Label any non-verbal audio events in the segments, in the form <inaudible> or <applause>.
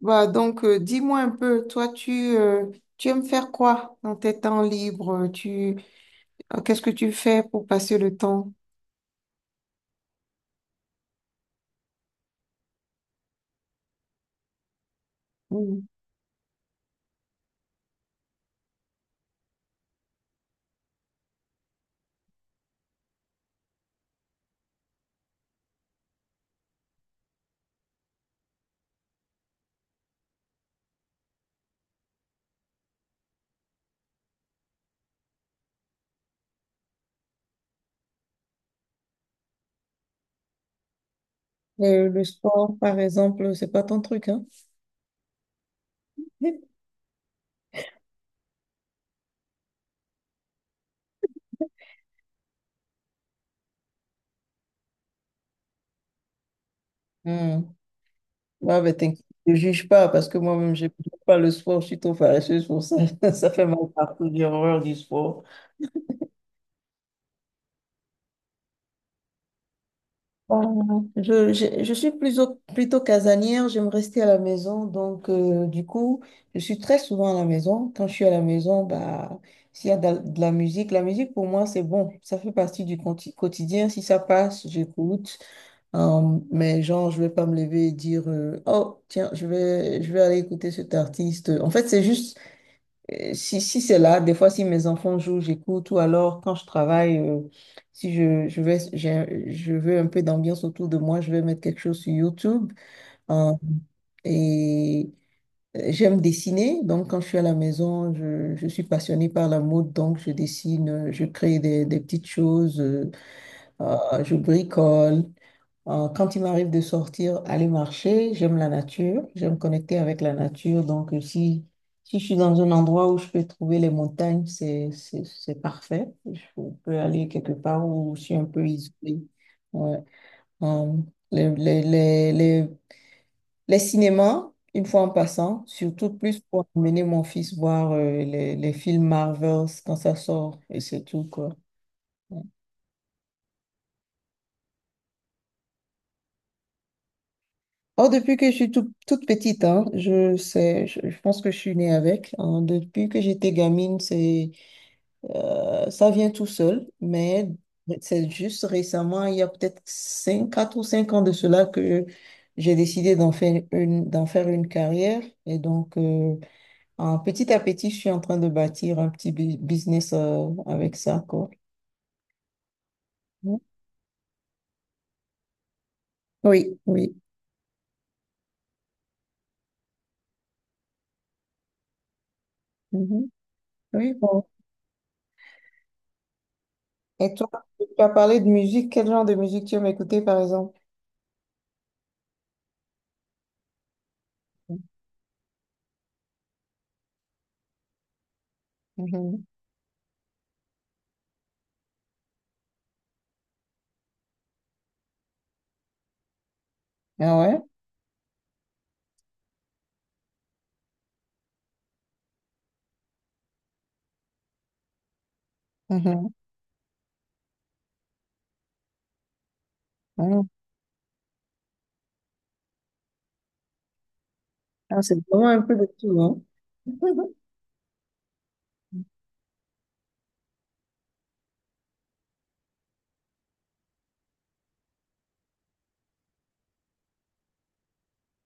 Dis-moi un peu, toi, tu aimes faire quoi dans tes temps libres? Qu'est-ce que tu fais pour passer le temps? Mm. Le sport, par exemple, c'est pas ton truc, hein? Hmm. Ouais, ben, t'inquiète, ne juge pas parce que moi-même, je n'aime pas le sport, je suis trop faresseuse pour ça. <laughs> Ça fait mal partout, j'ai horreur du sport. Bon, je suis plutôt casanière, j'aime rester à la maison, donc je suis très souvent à la maison. Quand je suis à la maison, bah, s'il y a de la musique pour moi c'est bon, ça fait partie du quotidien. Si ça passe, j'écoute. Mais genre, je vais pas me lever et dire oh, tiens, je vais aller écouter cet artiste. En fait, c'est juste. Si c'est là, des fois, si mes enfants jouent, j'écoute, ou alors quand je travaille, si je, je vais, j'ai- je veux un peu d'ambiance autour de moi, je vais mettre quelque chose sur YouTube, hein. Et j'aime dessiner, donc quand je suis à la maison, je suis passionnée par la mode, donc je dessine, je crée des petites choses. Je bricole. Quand il m'arrive de sortir, aller marcher, j'aime la nature, j'aime connecter avec la nature. Donc si je suis dans un endroit où je peux trouver les montagnes, c'est parfait. Je peux aller quelque part où je suis un peu isolée. Ouais. Euh, les, les, les, les, les cinémas, une fois en passant, surtout plus pour emmener mon fils voir les films Marvels quand ça sort, et c'est tout, quoi. Oh, depuis que je suis toute petite, hein, je pense que je suis née avec, hein. Depuis que j'étais gamine, ça vient tout seul, mais c'est juste récemment, il y a peut-être 5, 4 ou 5 ans de cela que j'ai décidé d'en faire une carrière. Et donc petit à petit, je suis en train de bâtir un petit business avec ça, quoi. Mmh. Oui, oui. Mhm. Oui, bon. Et toi, tu as parlé de musique. Quel genre de musique tu aimes écouter, par exemple? Mhm. Ah ouais? Mhm. Mhm. Ah, c'est vraiment un peu de tout, hein? <laughs>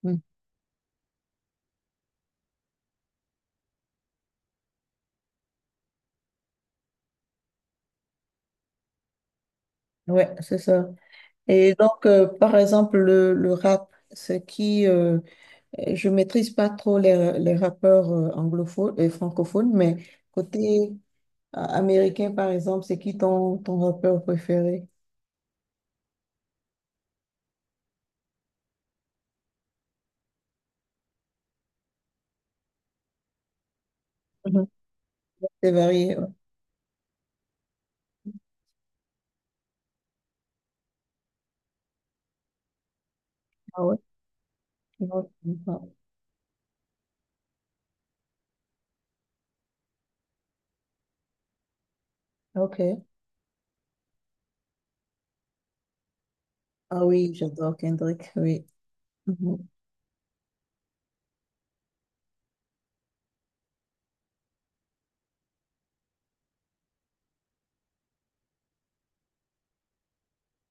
Mhm. Ouais, c'est ça. Et donc, par exemple, le rap, je maîtrise pas trop les rappeurs anglophones et francophones, mais côté américain, par exemple, c'est qui ton rappeur préféré? Mhm. C'est varié, ouais. Ah ouais? Non, non. Ok. Ah oui, j'adore Kendrick, oui. Mhm.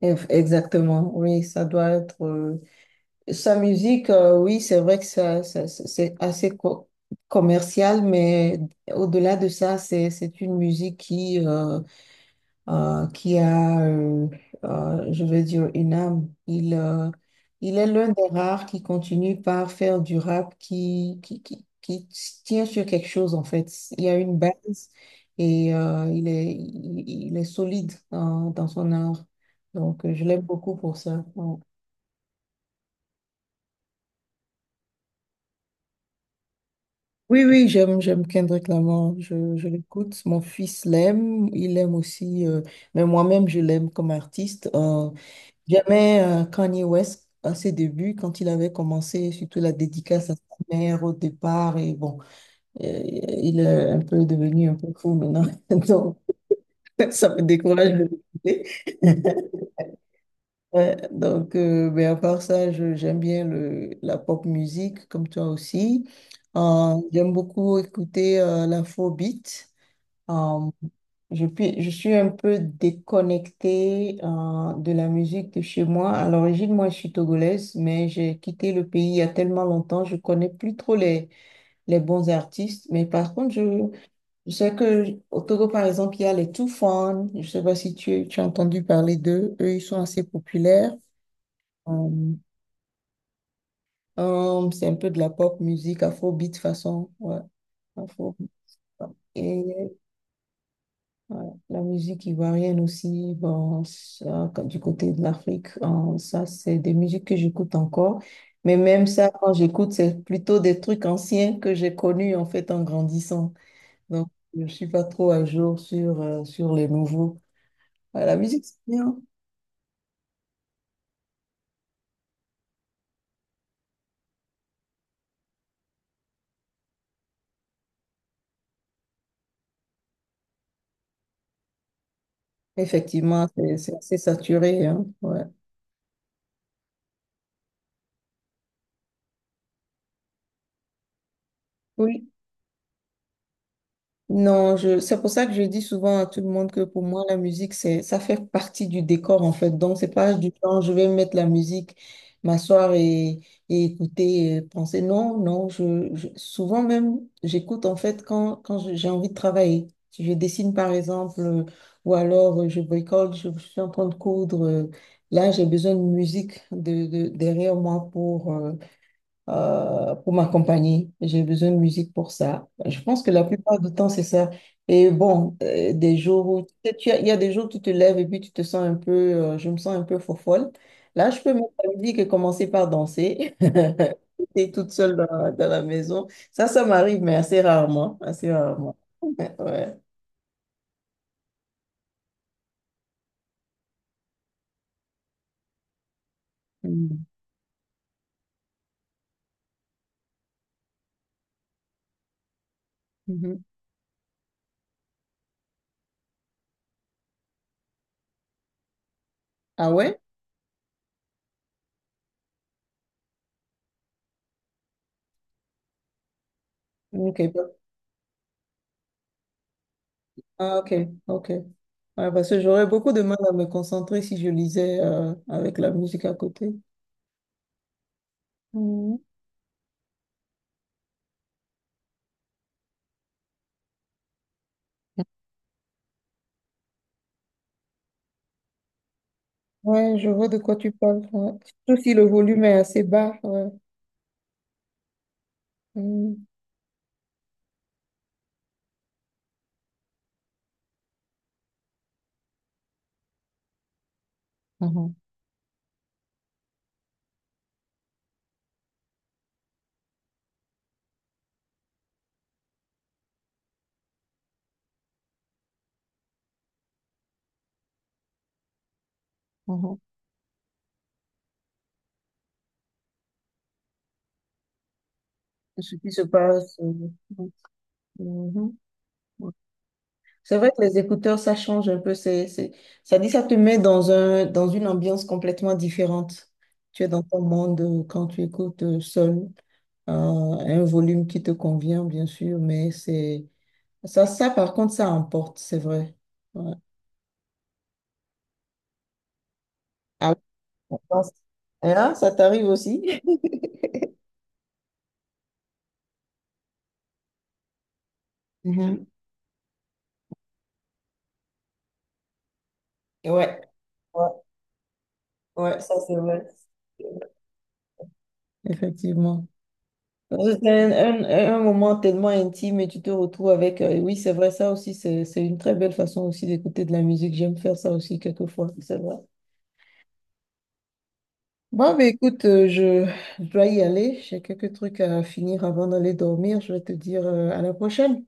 Exactement, oui, ça doit être. Sa musique, oui, c'est vrai que c'est assez commercial, mais au-delà de ça, c'est une musique qui, euh, qui a, euh, je veux dire, une âme. Il est l'un des rares qui continue par faire du rap qui tient sur quelque chose, en fait. Il y a une base et il est solide dans, dans son art. Donc je l'aime beaucoup pour ça. Oui, oui, j'aime Kendrick Lamar, je l'écoute. Mon fils l'aime, il aime aussi, mais moi-même, je l'aime comme artiste. J'aimais Kanye West à ses débuts, quand il avait commencé, surtout la dédicace à sa mère au départ, et bon, il est un peu devenu un peu fou maintenant, <laughs> donc ça me décourage de l'écouter. <laughs> Ouais, donc mais à part ça, j'aime bien la pop musique, comme toi aussi. J'aime beaucoup écouter l'afrobeat. Euh, je suis un peu déconnectée de la musique de chez moi. À l'origine, moi, je suis togolaise, mais j'ai quitté le pays il y a tellement longtemps, je connais plus trop les bons artistes. Mais par contre, je sais que au Togo, par exemple, il y a les Toufan. Je sais pas si tu as entendu parler d'eux. Eux, ils sont assez populaires. Euh, c'est un peu de la pop musique, afrobeat façon. Ouais, afro. Et ouais, la musique ivoirienne aussi, bon, ça, du côté de l'Afrique, hein, ça, c'est des musiques que j'écoute encore. Mais même ça, quand j'écoute, c'est plutôt des trucs anciens que j'ai connus en fait en grandissant. Donc, je ne suis pas trop à jour sur, sur les nouveaux. Ouais, la musique, c'est bien. Effectivement, c'est assez saturé, hein, ouais. Non, je, c'est pour ça que je dis souvent à tout le monde que pour moi, la musique, ça fait partie du décor, en fait. Donc, c'est pas du genre, je vais mettre la musique, m'asseoir et écouter, et penser. Non, non, souvent même, j'écoute, en fait, quand j'ai envie de travailler. Si je dessine, par exemple, ou alors je bricole, je suis en train de coudre. Là, j'ai besoin de musique derrière moi pour m'accompagner. J'ai besoin de musique pour ça. Je pense que la plupart du temps, c'est ça. Et bon, des jours où tu sais, il y a des jours où tu te lèves et puis tu te sens un peu, je me sens un peu fofolle. Là, je peux mettre la musique et commencer par danser. <laughs> J'étais toute seule dans la maison. Ça m'arrive, mais assez rarement. Assez rarement. <laughs> Ouais. Mm. Mhm. Ah ouais? Ok. Ah, ok. Ok. Ouais, parce que j'aurais beaucoup de mal à me concentrer si je lisais avec la musique à côté. Mm. Ouais, je vois de quoi tu parles, ouais. Surtout si le volume est assez bas, ouais. Mm. Mhm, mhm. C'est Ce qui se passe. Mhm. Ouais. C'est vrai que les écouteurs, ça change un peu. Ça dit, ça te met dans un, dans une ambiance complètement différente. Tu es dans ton monde quand tu écoutes seul, un volume qui te convient, bien sûr, mais ça, par contre, ça emporte, c'est vrai. Ouais. Ah, oui, je pense. Hein, ça t'arrive aussi? <laughs> Mhm. Ouais. Ouais, ça c'est vrai. Effectivement. Un moment tellement intime et tu te retrouves avec... oui, c'est vrai, ça aussi, c'est une très belle façon aussi d'écouter de la musique. J'aime faire ça aussi quelquefois, c'est vrai. Bon, mais écoute, je dois y aller. J'ai quelques trucs à finir avant d'aller dormir. Je vais te dire, à la prochaine.